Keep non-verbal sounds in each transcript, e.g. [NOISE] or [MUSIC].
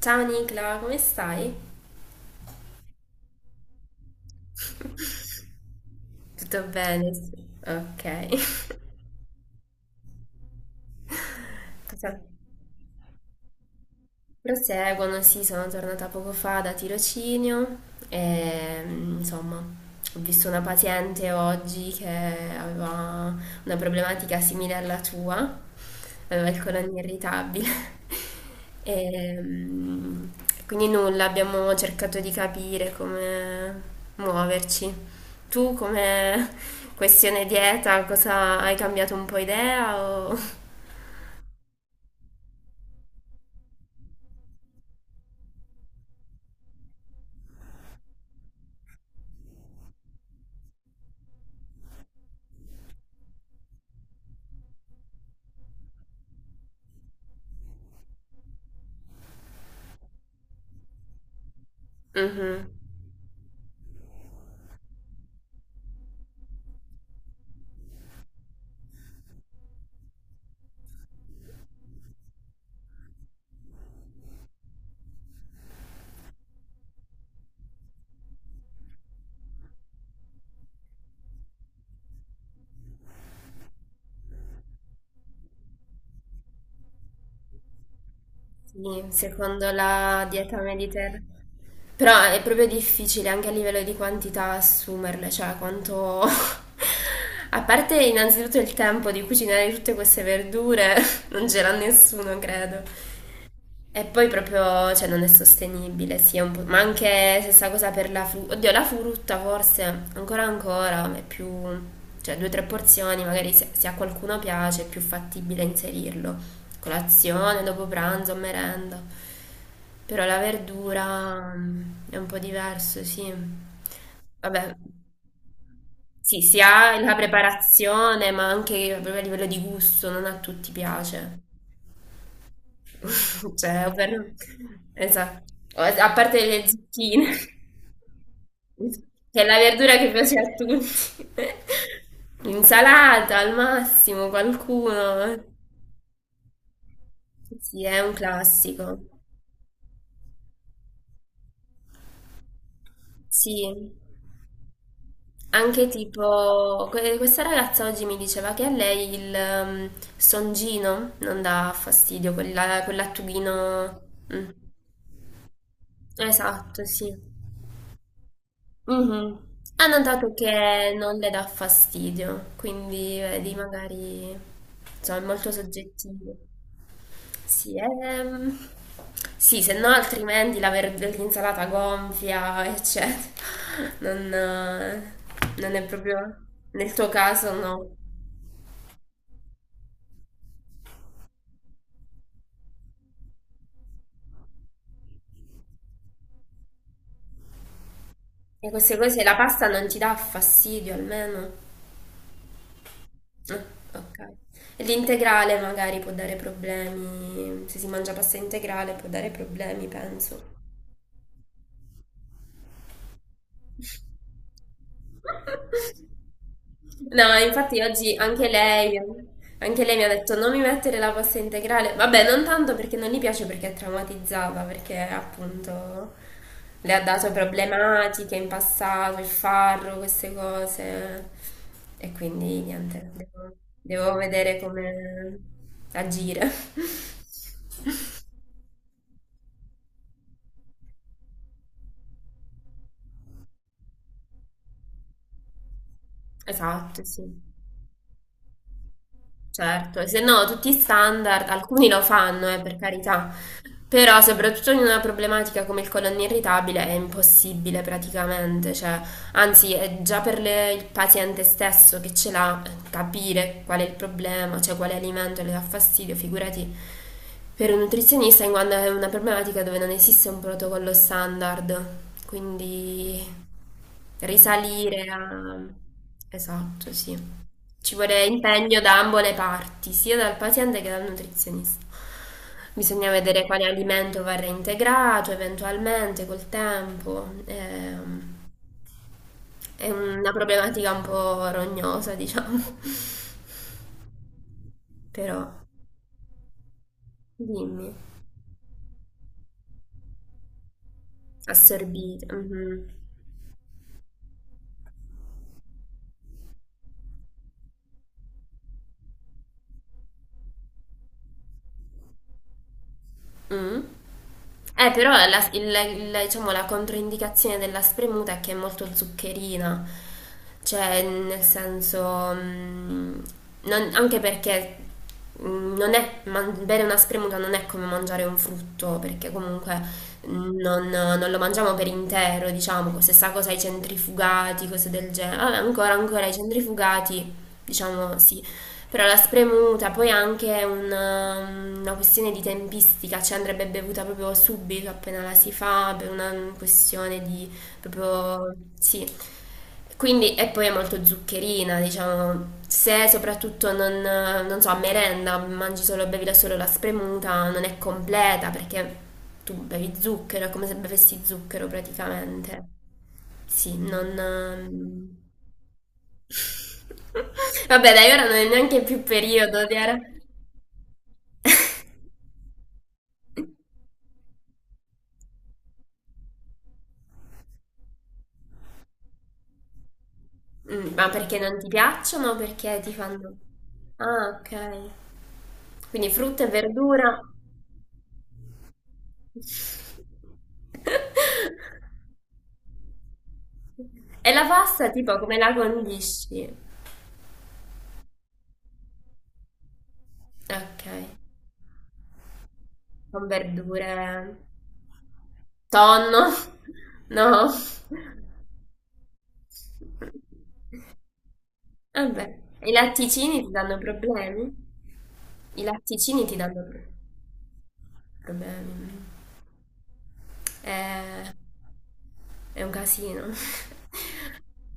Ciao Nicla, come stai? [LAUGHS] Tutto bene? Sì. Ok. [LAUGHS] Cosa? Proseguono, sì, sono tornata poco fa da tirocinio e insomma ho visto una paziente oggi che aveva una problematica simile alla tua, aveva il colon irritabile [LAUGHS] e quindi nulla, abbiamo cercato di capire come muoverci. Tu come [LAUGHS] questione dieta, cosa hai cambiato un po' idea o... [LAUGHS] Mhm. Sì, secondo la dieta mediterranea. Però è proprio difficile anche a livello di quantità assumerle, cioè quanto... [LAUGHS] A parte innanzitutto il tempo di cucinare tutte queste verdure, [LAUGHS] non c'era nessuno, credo. E poi proprio, cioè, non è sostenibile, sì, è un po'- ma anche stessa cosa per la frutta. Oddio, la frutta forse ancora ancora ma è più, cioè, due o tre porzioni, magari se, se a qualcuno piace è più fattibile inserirlo. Colazione, dopo pranzo, merenda. Però la verdura è un po' diverso, sì. Vabbè, sì, si ha la preparazione, ma anche proprio a livello di gusto, non a tutti piace. [LAUGHS] Cioè, ovvero... Esatto. A parte le zucchine, [LAUGHS] che è la verdura che piace a tutti. [LAUGHS] Insalata al massimo, qualcuno. Sì, è un classico. Sì, anche tipo, questa ragazza oggi mi diceva che a lei il songino non dà fastidio, quella, quell'attughino. Mm. Esatto, sì. Mhm. Ha notato che non le dà fastidio, quindi vedi, magari insomma, è molto soggettivo. Sì, sì, se no altrimenti la l'insalata gonfia, eccetera. Non, eh, non è proprio nel tuo caso, no. E queste cose, la pasta non ti dà fastidio almeno. Eh, ok. E l'integrale magari può dare problemi, se si mangia pasta integrale può dare problemi, penso. No, infatti oggi anche lei mi ha detto non mi mettere la pasta integrale. Vabbè, non tanto perché non gli piace, perché è traumatizzata, perché appunto le ha dato problematiche in passato, il farro, queste cose. E quindi niente, devo vedere come agire. [LAUGHS] Esatto, sì, certo. Se no, tutti i standard, alcuni lo fanno, per carità. Però, soprattutto in una problematica come il colon irritabile, è impossibile praticamente, cioè, anzi, è già per il paziente stesso che ce l'ha capire qual è il problema, cioè quale alimento le dà fastidio, figurati per un nutrizionista, in quanto è una problematica dove non esiste un protocollo standard, quindi risalire a... Esatto, sì. Ci vorrebbe impegno da ambo le parti, sia dal paziente che dal nutrizionista. Bisogna vedere quale alimento va reintegrato eventualmente col tempo. È una problematica un po' rognosa, diciamo. [LAUGHS] Però, dimmi, assorbite. Mhm. Mm. Però diciamo, la controindicazione della spremuta è che è molto zuccherina, cioè nel senso, mm, non- anche perché non è, bere una spremuta non è come mangiare un frutto, perché comunque non lo mangiamo per intero, diciamo, stessa cosa ai centrifugati, cose del genere. Vabbè, ancora, ancora ai centrifugati, diciamo sì, però la spremuta poi anche è una questione di tempistica, cioè andrebbe bevuta proprio subito appena la si fa, per una questione di proprio sì. Quindi, e poi è molto zuccherina, diciamo, se soprattutto non so, a merenda mangi solo, bevi da solo la spremuta, non è completa perché tu bevi zucchero, è come se bevessi zucchero praticamente. Sì, non... um, Vabbè, dai, ora non è neanche più periodo di ara- ma perché non ti piacciono? O perché ti fanno... Ah, ok. Quindi frutta e verdura. [LAUGHS] E la pasta, tipo, come la condisci? Ok, con verdure. Tonno? [LAUGHS] No. Vabbè, i latticini ti danno problemi? I latticini ti danno problemi. Problemi. È, è un casino. [LAUGHS]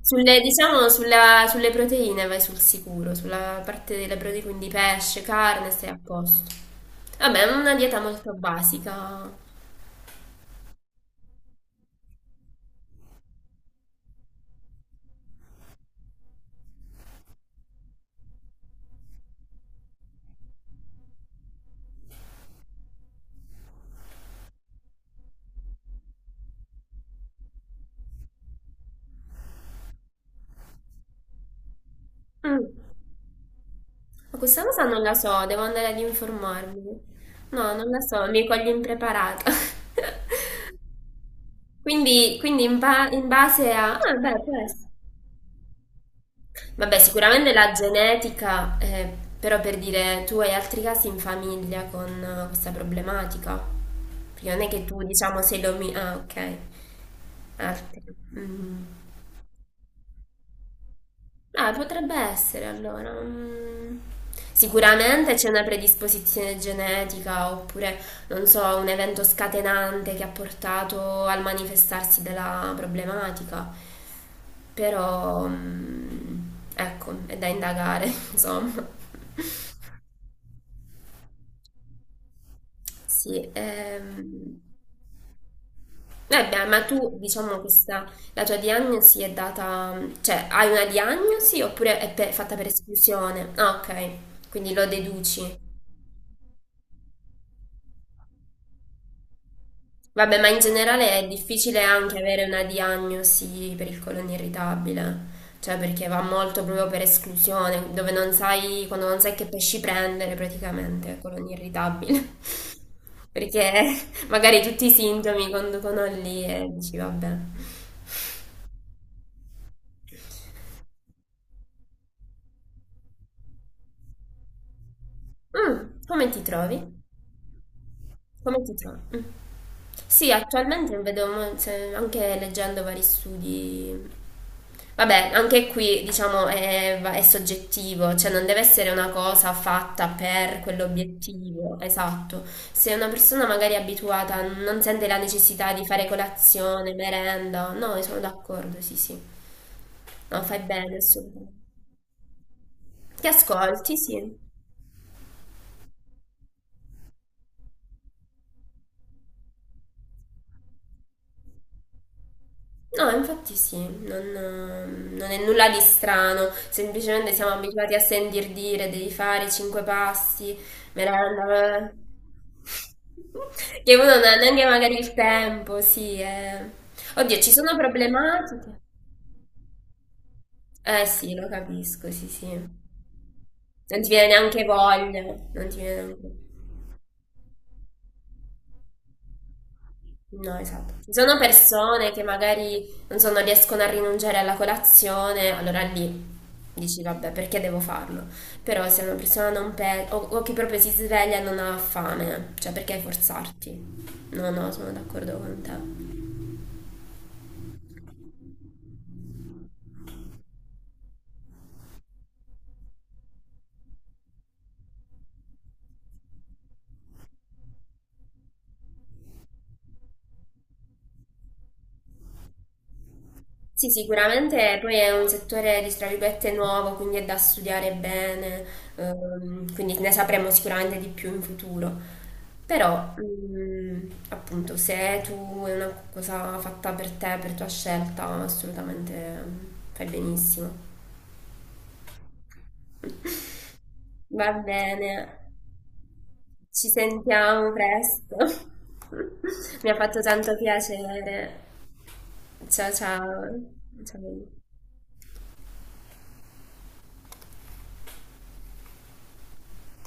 Sulle, diciamo, sulle proteine vai sul sicuro, sulla parte delle proteine, quindi pesce, carne, stai a posto. Vabbè, è una dieta molto basica. Mm. Ma questa cosa non la so, devo andare ad informarmi. No, non la so, mi coglie impreparata. [LAUGHS] Quindi in base a... Ah, beh, questo. Vabbè, sicuramente la genetica, però per dire, tu hai altri casi in famiglia con questa problematica? Perché non è che tu, diciamo, sei l'omino... Ah, ok. Altri. Mm. Ah, potrebbe essere allora. Mm. Sicuramente c'è una predisposizione genetica oppure, non so, un evento scatenante che ha portato al manifestarsi della problematica. Però, ecco, è da indagare, [LAUGHS] insomma. Sì. Eh beh, ma tu, diciamo, questa, la tua diagnosi è data, cioè, hai una diagnosi oppure è fatta per esclusione? Ah, ok, quindi lo deduci. Vabbè, ma in generale è difficile anche avere una diagnosi per il colon irritabile, cioè perché va molto proprio per esclusione, dove non sai, quando non sai che pesci prendere praticamente il colon irritabile, [LAUGHS] perché magari tutti i sintomi conducono lì e dici vabbè. Mm, come ti trovi? Come ti sa? Mm. Sì, attualmente vedo anche leggendo vari studi. Vabbè, anche qui diciamo è soggettivo, cioè non deve essere una cosa fatta per quell'obiettivo, esatto. Se una persona magari è abituata non sente la necessità di fare colazione, merenda, no, io sono d'accordo, sì, sì. No, fai bene, assolutamente. Ti ascolti, sì. No, infatti sì, non, non è nulla di strano, semplicemente siamo abituati a sentir dire devi fare cinque passi, merenda, eh. [LAUGHS] che uno non ha neanche magari il tempo, sì. Eh. Oddio, ci sono problematiche? Eh sì, lo capisco, sì, sì. Non ti viene neanche voglia, non ti viene neanche... No, esatto. Ci sono persone che magari, non so, non riescono a rinunciare alla colazione, allora lì dici, vabbè, perché devo farlo? Però se una persona non pensa, o che proprio si sveglia e non ha fame, cioè perché forzarti? No, no, sono d'accordo con te. Sì, sicuramente poi è un settore, tra virgolette, nuovo, quindi è da studiare bene, quindi ne sapremo sicuramente di più in futuro. Però, appunto, se tu è una cosa fatta per te, per tua scelta, assolutamente mm, fai benissimo. Va bene, ci sentiamo presto. [LAUGHS] Mi ha fatto tanto piacere. Ciao ciao. Ciao.